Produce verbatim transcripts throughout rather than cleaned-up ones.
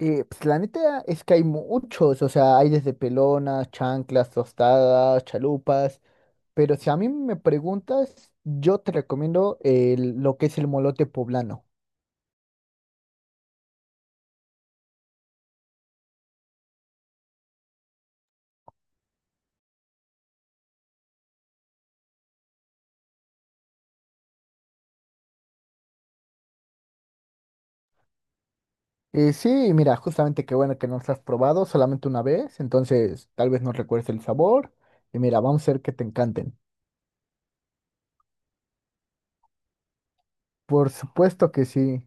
Eh, pues la neta es que hay muchos, o sea, hay desde pelonas, chanclas, tostadas, chalupas, pero si a mí me preguntas, yo te recomiendo el- lo que es el molote poblano. Eh, sí, mira, justamente qué bueno que no lo has probado solamente una vez, entonces tal vez no recuerdes el sabor, y mira, vamos a ver que te encanten. Por supuesto que sí.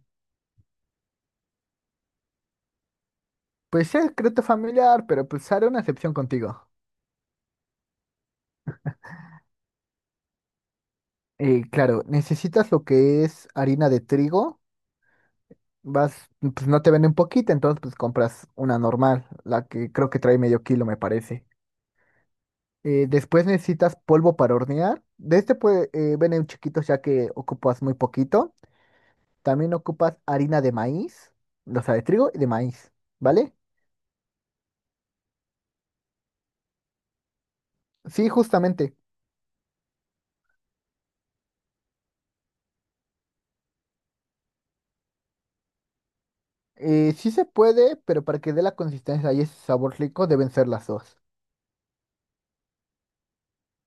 Pues es secreto familiar, pero pues haré una excepción contigo. Eh, claro, necesitas lo que es harina de trigo. Vas, pues no te venden poquita, entonces pues compras una normal, la que creo que trae medio kilo, me parece. Eh, después necesitas polvo para hornear. De este puede, eh, venden chiquitos ya que ocupas muy poquito. También ocupas harina de maíz, o sea, de trigo y de maíz, ¿vale? Sí, justamente. Eh, sí se puede, pero para que dé la consistencia y ese sabor rico deben ser las dos.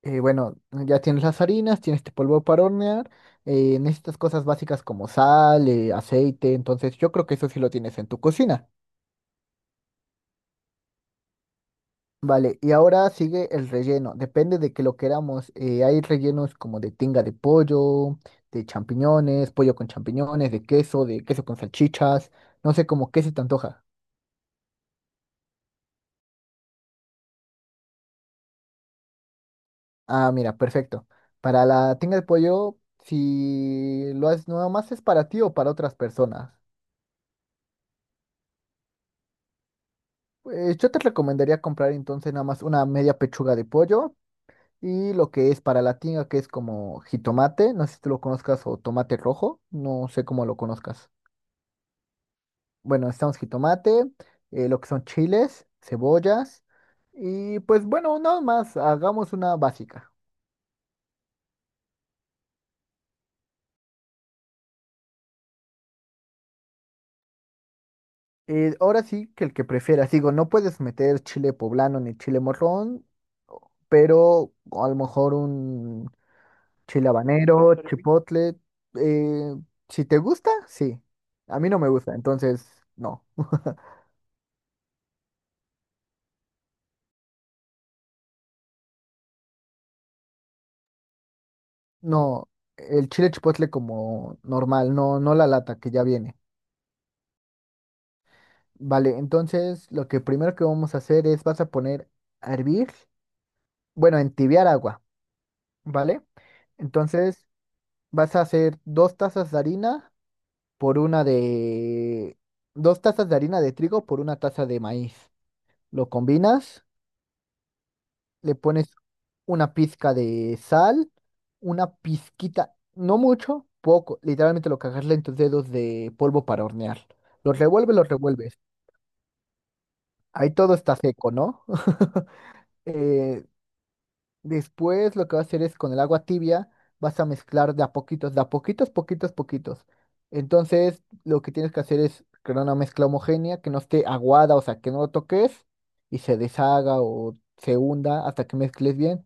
Eh, bueno, ya tienes las harinas, tienes este polvo para hornear, eh, necesitas cosas básicas como sal, eh, aceite, entonces yo creo que eso sí lo tienes en tu cocina. Vale, y ahora sigue el relleno, depende de que lo queramos, eh, hay rellenos como de tinga de pollo, de champiñones, pollo con champiñones, de queso, de queso con salchichas, no sé cómo qué se te antoja. Ah, mira, perfecto. Para la tinga de pollo, si lo haces, nada más es para ti o para otras personas. Pues yo te recomendaría comprar entonces nada más una media pechuga de pollo y lo que es para la tinga, que es como jitomate, no sé si tú lo conozcas, o tomate rojo, no sé cómo lo conozcas. Bueno, necesitamos jitomate, eh, lo que son chiles, cebollas y pues bueno, nada más, hagamos una básica. Eh, ahora sí que el que prefieras, digo, no puedes meter chile poblano ni chile morrón, pero a lo mejor un chile habanero, sí, chipotle. eh, si te gusta, sí. A mí no me gusta, entonces no. No, el chile chipotle como normal, no, no la lata que ya viene. Vale, entonces lo que primero que vamos a hacer es vas a poner a hervir, bueno, a entibiar agua, ¿vale? Entonces vas a hacer dos tazas de harina por una de... Dos tazas de harina de trigo por una taza de maíz. Lo combinas. Le pones una pizca de sal, una pizquita, no mucho, poco, literalmente lo que agarres en tus dedos de polvo para hornear. Los revuelves, los revuelves. Ahí todo está seco, ¿no? Eh, Después lo que vas a hacer es con el agua tibia, vas a mezclar de a poquitos, de a poquitos, poquitos, poquitos. Entonces, lo que tienes que hacer es crear una mezcla homogénea que no esté aguada, o sea, que no lo toques y se deshaga o se hunda hasta que mezcles bien.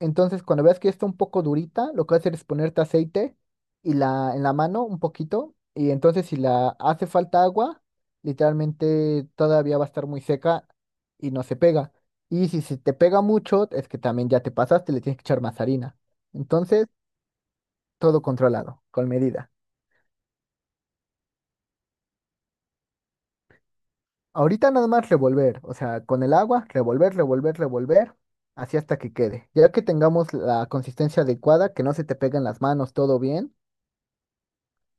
Entonces, cuando veas que ya está un poco durita, lo que vas a hacer es ponerte aceite y la, en la mano un poquito. Y entonces, si la hace falta agua, literalmente todavía va a estar muy seca y no se pega. Y si se te pega mucho, es que también ya te pasaste, le tienes que echar más harina. Entonces, todo controlado, con medida. Ahorita nada más revolver, o sea, con el agua, revolver, revolver, revolver, así hasta que quede. Ya que tengamos la consistencia adecuada, que no se te peguen las manos, todo bien.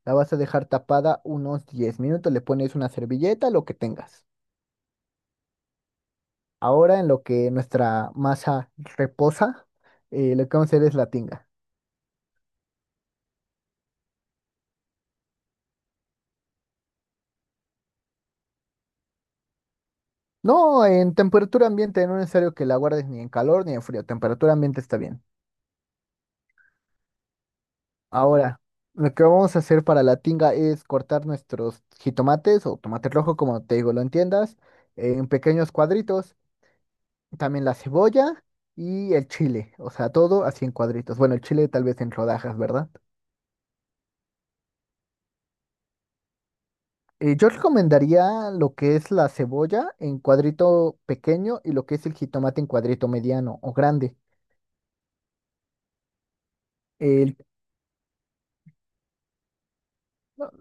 La vas a dejar tapada unos diez minutos, le pones una servilleta, lo que tengas. Ahora en lo que nuestra masa reposa, eh, lo que vamos a hacer es la tinga. No, en temperatura ambiente, no es necesario que la guardes ni en calor ni en frío, temperatura ambiente está bien. Ahora, lo que vamos a hacer para la tinga es cortar nuestros jitomates o tomate rojo, como te digo, lo entiendas, en pequeños cuadritos. También la cebolla y el chile, o sea, todo así en cuadritos. Bueno, el chile tal vez en rodajas, ¿verdad? Eh, yo recomendaría lo que es la cebolla en cuadrito pequeño y lo que es el jitomate en cuadrito mediano o grande. El- no,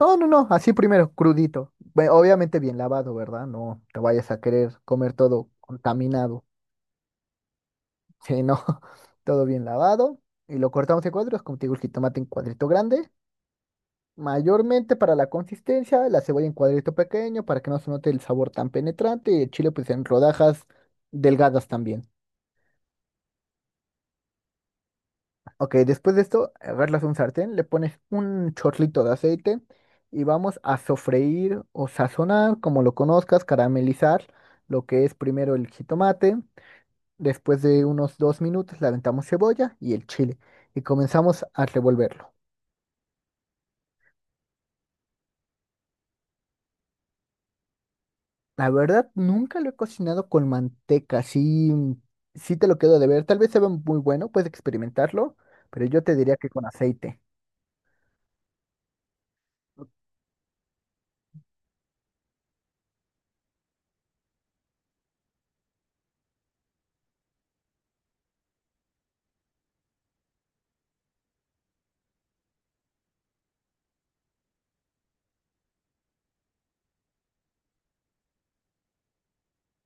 no, no, no, así primero, crudito. Ve- Obviamente bien lavado, ¿verdad? No te vayas a querer comer todo contaminado. Sí, no, todo bien lavado. Y lo cortamos en cuadros, como te digo, el jitomate en cuadrito grande. Mayormente para la consistencia, la cebolla en cuadrito pequeño para que no se note el sabor tan penetrante y el chile pues en rodajas delgadas también. Ok, después de esto, agarras un sartén, le pones un chorlito de aceite y vamos a sofreír o sazonar, como lo conozcas, caramelizar lo que es primero el jitomate. Después de unos dos minutos le aventamos cebolla y el chile y comenzamos a revolverlo. La verdad, nunca lo he cocinado con manteca, sí, sí te lo quedo de ver. Tal vez se ve muy bueno, puedes experimentarlo, pero yo te diría que con aceite.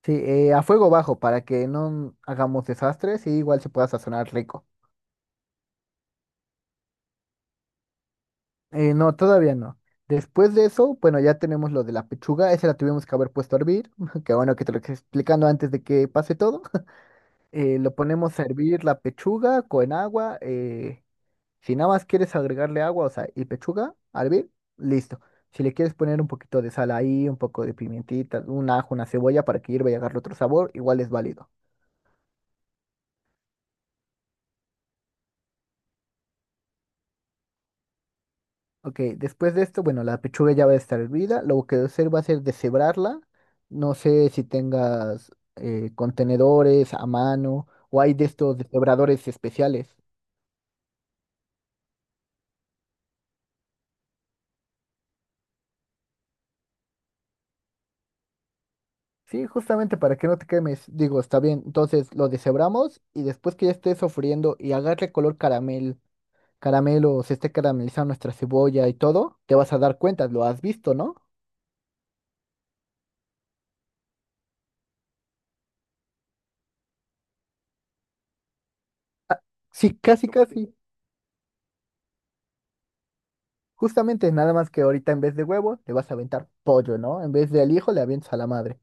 Sí, eh, a fuego bajo para que no hagamos desastres y igual se pueda sazonar rico. Eh, no, todavía no. Después de eso, bueno, ya tenemos lo de la pechuga, esa la tuvimos que haber puesto a hervir, que bueno que te lo estoy explicando antes de que pase todo. Eh, lo ponemos a hervir la pechuga con agua. Eh, si nada más quieres agregarle agua, o sea, y pechuga a hervir, listo. Si le quieres poner un poquito de sal ahí, un poco de pimientita, un ajo, una cebolla para que hierva y agarre otro sabor, igual es válido. Ok, después de esto, bueno, la pechuga ya va a estar hervida. Lo que voy a hacer va a ser deshebrarla. No sé si tengas eh, contenedores a mano o hay de estos deshebradores especiales. Sí, justamente para que no te quemes. Digo, está bien. Entonces lo deshebramos y después que ya esté sofriendo y agarre color caramel, caramelo, se esté caramelizando nuestra cebolla y todo, te vas a dar cuenta, lo has visto, ¿no? Sí, casi, casi. Justamente, nada más que ahorita en vez de huevo, le vas a aventar pollo, ¿no? En vez de al hijo, le avientas a la madre.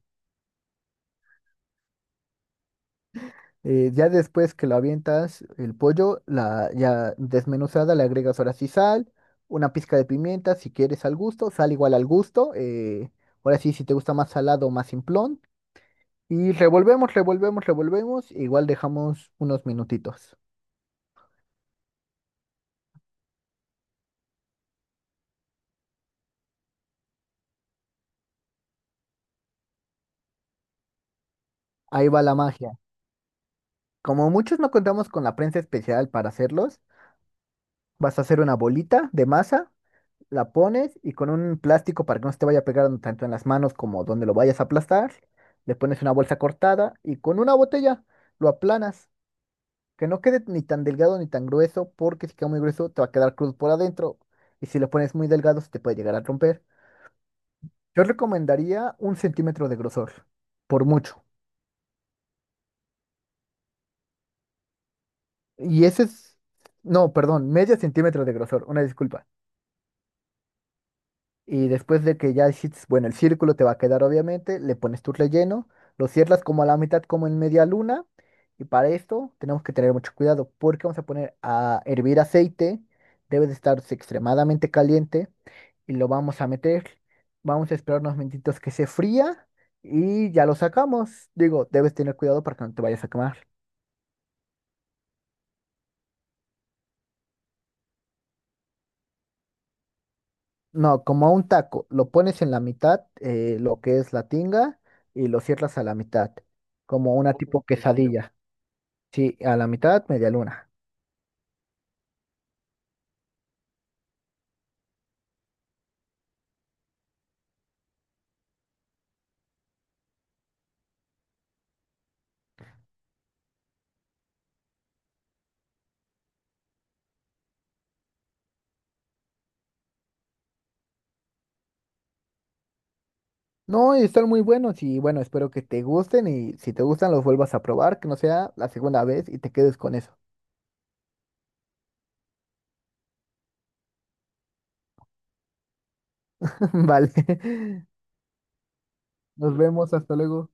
Eh, ya después que lo avientas, el pollo, la ya desmenuzada, le agregas ahora sí sal, una pizca de pimienta, si quieres al gusto, sal igual al gusto. Eh, ahora sí, si te gusta más salado o más simplón. Y revolvemos, revolvemos, revolvemos. Igual dejamos unos minutitos. Ahí va la magia. Como muchos no contamos con la prensa especial para hacerlos, vas a hacer una bolita de masa la pones y con un plástico para que no se te vaya pegando tanto en las manos como donde lo vayas a aplastar, le pones una bolsa cortada y con una botella lo aplanas, que no quede ni tan delgado ni tan grueso, porque si queda muy grueso te va a quedar cruz por adentro y si lo pones muy delgado se te puede llegar a romper. Yo recomendaría un centímetro de grosor, por mucho. Y ese es, no, perdón, medio centímetro de grosor, una disculpa. Y después de que ya hiciste, bueno, el círculo te va a quedar obviamente, le pones tu relleno, lo cierras como a la mitad, como en media luna. Y para esto tenemos que tener mucho cuidado porque vamos a poner a hervir aceite, debe de estar extremadamente caliente y lo vamos a meter. Vamos a esperar unos minutitos que se fría y ya lo sacamos. Digo, debes tener cuidado para que no te vayas a quemar. No, como a un taco, lo pones en la mitad, eh, lo que es la tinga, y lo cierras a la mitad, como una tipo Ok. quesadilla. Sí, a la mitad, media luna. No, y están muy buenos y bueno, espero que te gusten y si te gustan los vuelvas a probar, que no sea la segunda vez y te quedes con eso. Vale. Nos vemos, hasta luego.